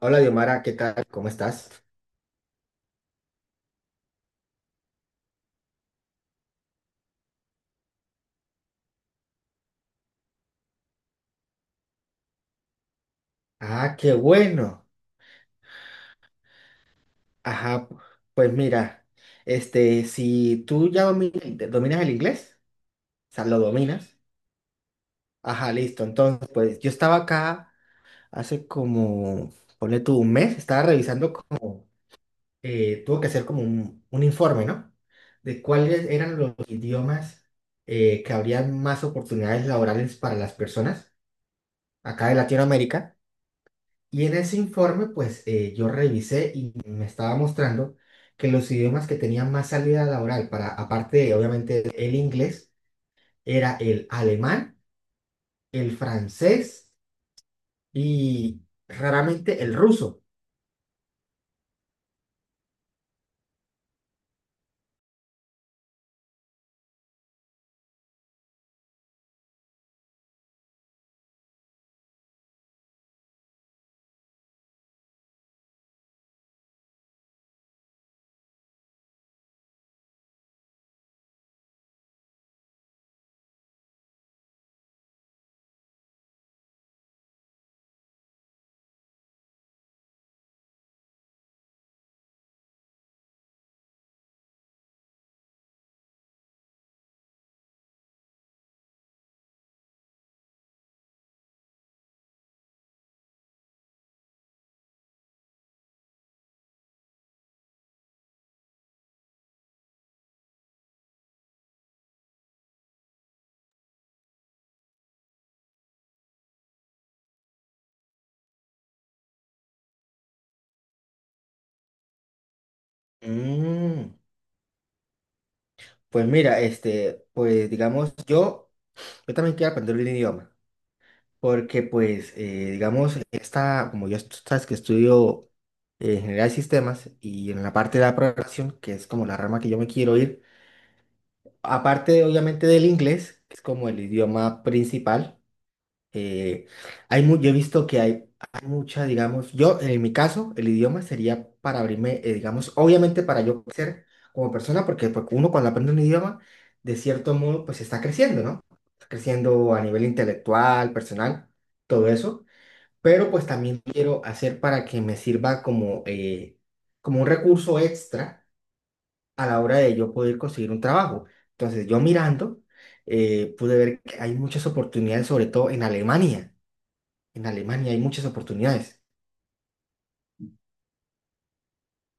Hola, Diomara, ¿qué tal? ¿Cómo estás? Ah, qué bueno. Ajá, pues mira, este, si tú ya dominas el inglés, o sea, lo dominas. Ajá, listo. Entonces, pues yo estaba acá hace como, ponle tú un mes, estaba revisando como, tuvo que hacer como un informe, ¿no? De cuáles eran los idiomas que habrían más oportunidades laborales para las personas acá de Latinoamérica. Y en ese informe, pues yo revisé y me estaba mostrando que los idiomas que tenían más salida laboral para, aparte, obviamente, el inglés, era el alemán, el francés y raramente el ruso. Mm, pues mira, este, pues digamos, yo también quiero aprender un idioma, porque pues, digamos, esta, como yo tú sabes que estudio ingeniería de sistemas y en la parte de la programación, que es como la rama que yo me quiero ir. Aparte, obviamente, del inglés, que es como el idioma principal, eh, yo he visto que hay mucha, digamos, yo en mi caso, el idioma sería para abrirme, digamos, obviamente para yo crecer como persona, porque uno cuando aprende un idioma, de cierto modo, pues está creciendo, ¿no? Está creciendo a nivel intelectual, personal, todo eso, pero pues también quiero hacer para que me sirva como, como un recurso extra a la hora de yo poder conseguir un trabajo. Entonces, yo mirando, pude ver que hay muchas oportunidades, sobre todo en Alemania. En Alemania hay muchas oportunidades.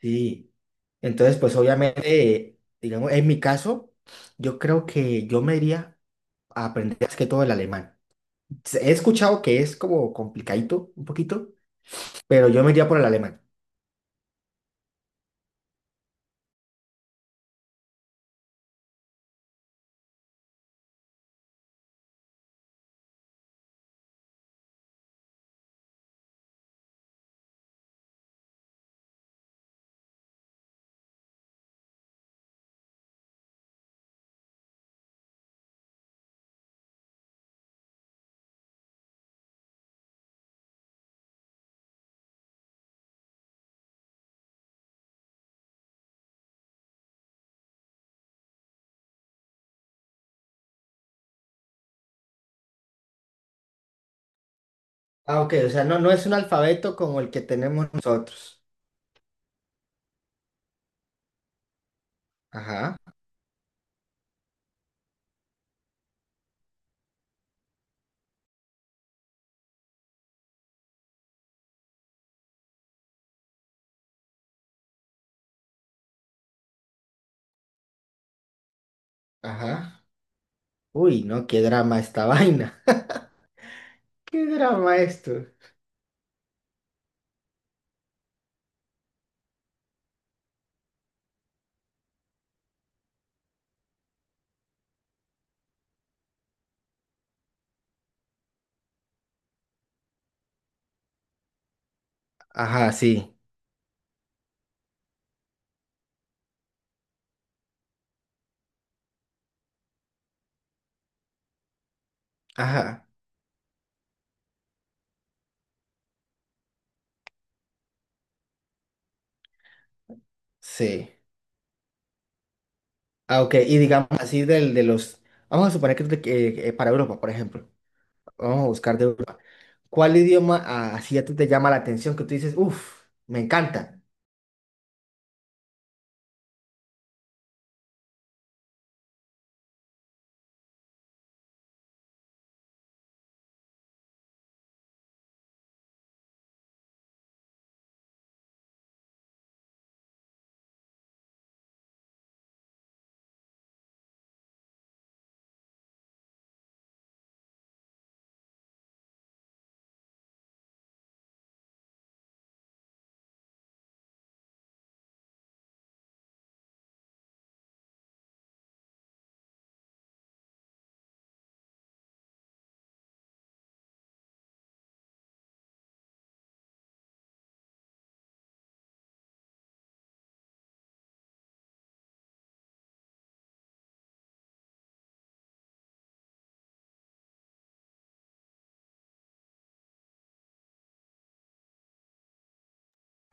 Sí. Entonces, pues obviamente, digamos, en mi caso, yo creo que yo me iría a aprender más que todo el alemán. He escuchado que es como complicadito un poquito, pero yo me iría por el alemán. Ah, ok, o sea, no, no es un alfabeto como el que tenemos nosotros. Ajá, ajá. Uy, no, qué drama esta vaina. ¿Qué drama esto? Ajá, sí. Ajá, sí. Ah, ok. Y digamos así del, de los... Vamos a suponer que que, para Europa, por ejemplo. Vamos a buscar de Europa. ¿Cuál idioma ah, así a ti te llama la atención que tú dices, uff, me encanta?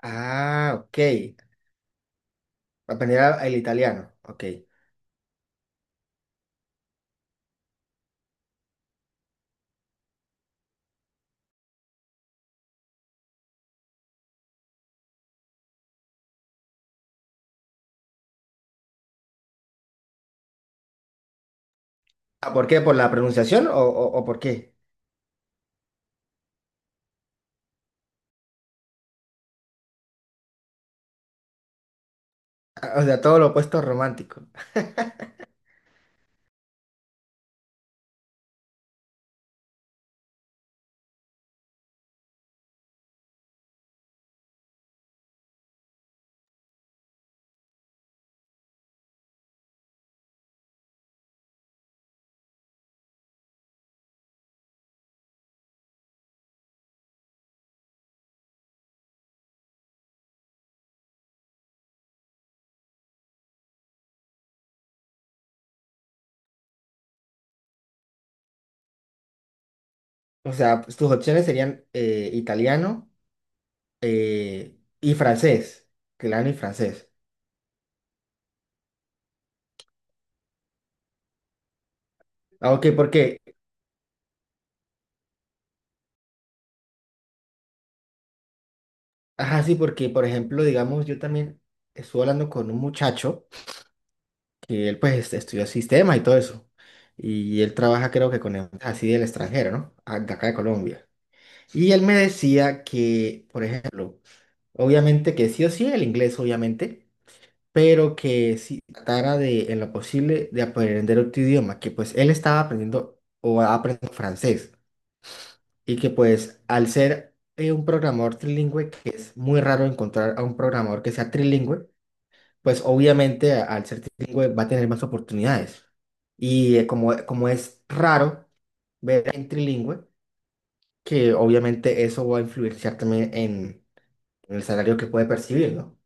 Ah, ok. El italiano. Ok. Ah, ¿por qué? ¿Por la pronunciación o por qué? Ah, o sea, todo lo opuesto romántico. O sea, pues, tus opciones serían italiano y francés. Claro, y francés. Ah, ok, ¿por qué? Ajá, sí, porque, por ejemplo, digamos, yo también estuve hablando con un muchacho que él, pues, estudió sistemas y todo eso. Y él trabaja, creo que con empresas así del extranjero, ¿no? De acá de Colombia. Y él me decía que, por ejemplo, obviamente que sí o sí el inglés, obviamente, pero que si tratara de, en lo posible, de aprender otro idioma, que pues él estaba aprendiendo o aprendiendo francés. Y que pues al ser un programador trilingüe, que es muy raro encontrar a un programador que sea trilingüe, pues obviamente al ser trilingüe va a tener más oportunidades. Y como es raro ver en trilingüe, que obviamente eso va a influenciar también en el salario que puede percibir, ¿no?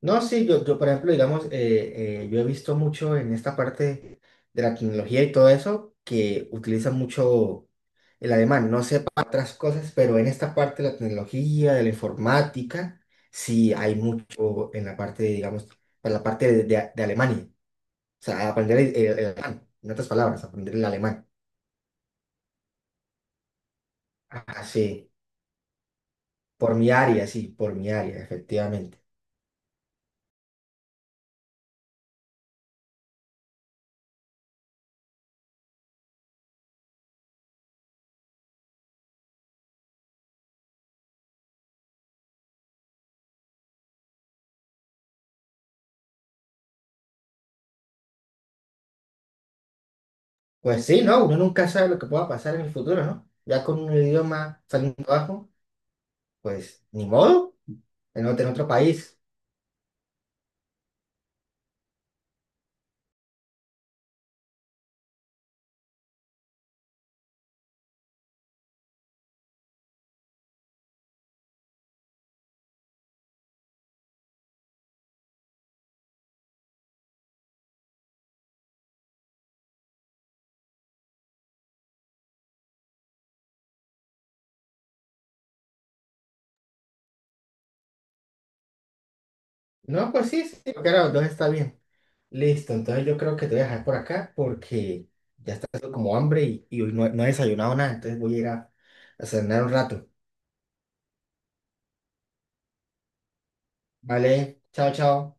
No, sí, yo por ejemplo, digamos, yo he visto mucho en esta parte de la tecnología y todo eso, que utilizan mucho el alemán. No sé para otras cosas, pero en esta parte de la tecnología, de la informática, sí hay mucho en la parte, digamos, para la parte de, de Alemania. O sea, aprender el alemán, en otras palabras, aprender el alemán. Así, por mi área, sí, por mi área, efectivamente. Pues sí, ¿no? Uno nunca sabe lo que pueda pasar en el futuro, ¿no? Ya con un idioma saliendo abajo, pues ni modo, en otro país. No, pues sí, sí, creo que ahora los dos está bien. Listo, entonces yo creo que te voy a dejar por acá porque ya está haciendo como hambre y hoy no, no he desayunado nada, entonces voy a ir a cenar un rato. Vale, chao, chao.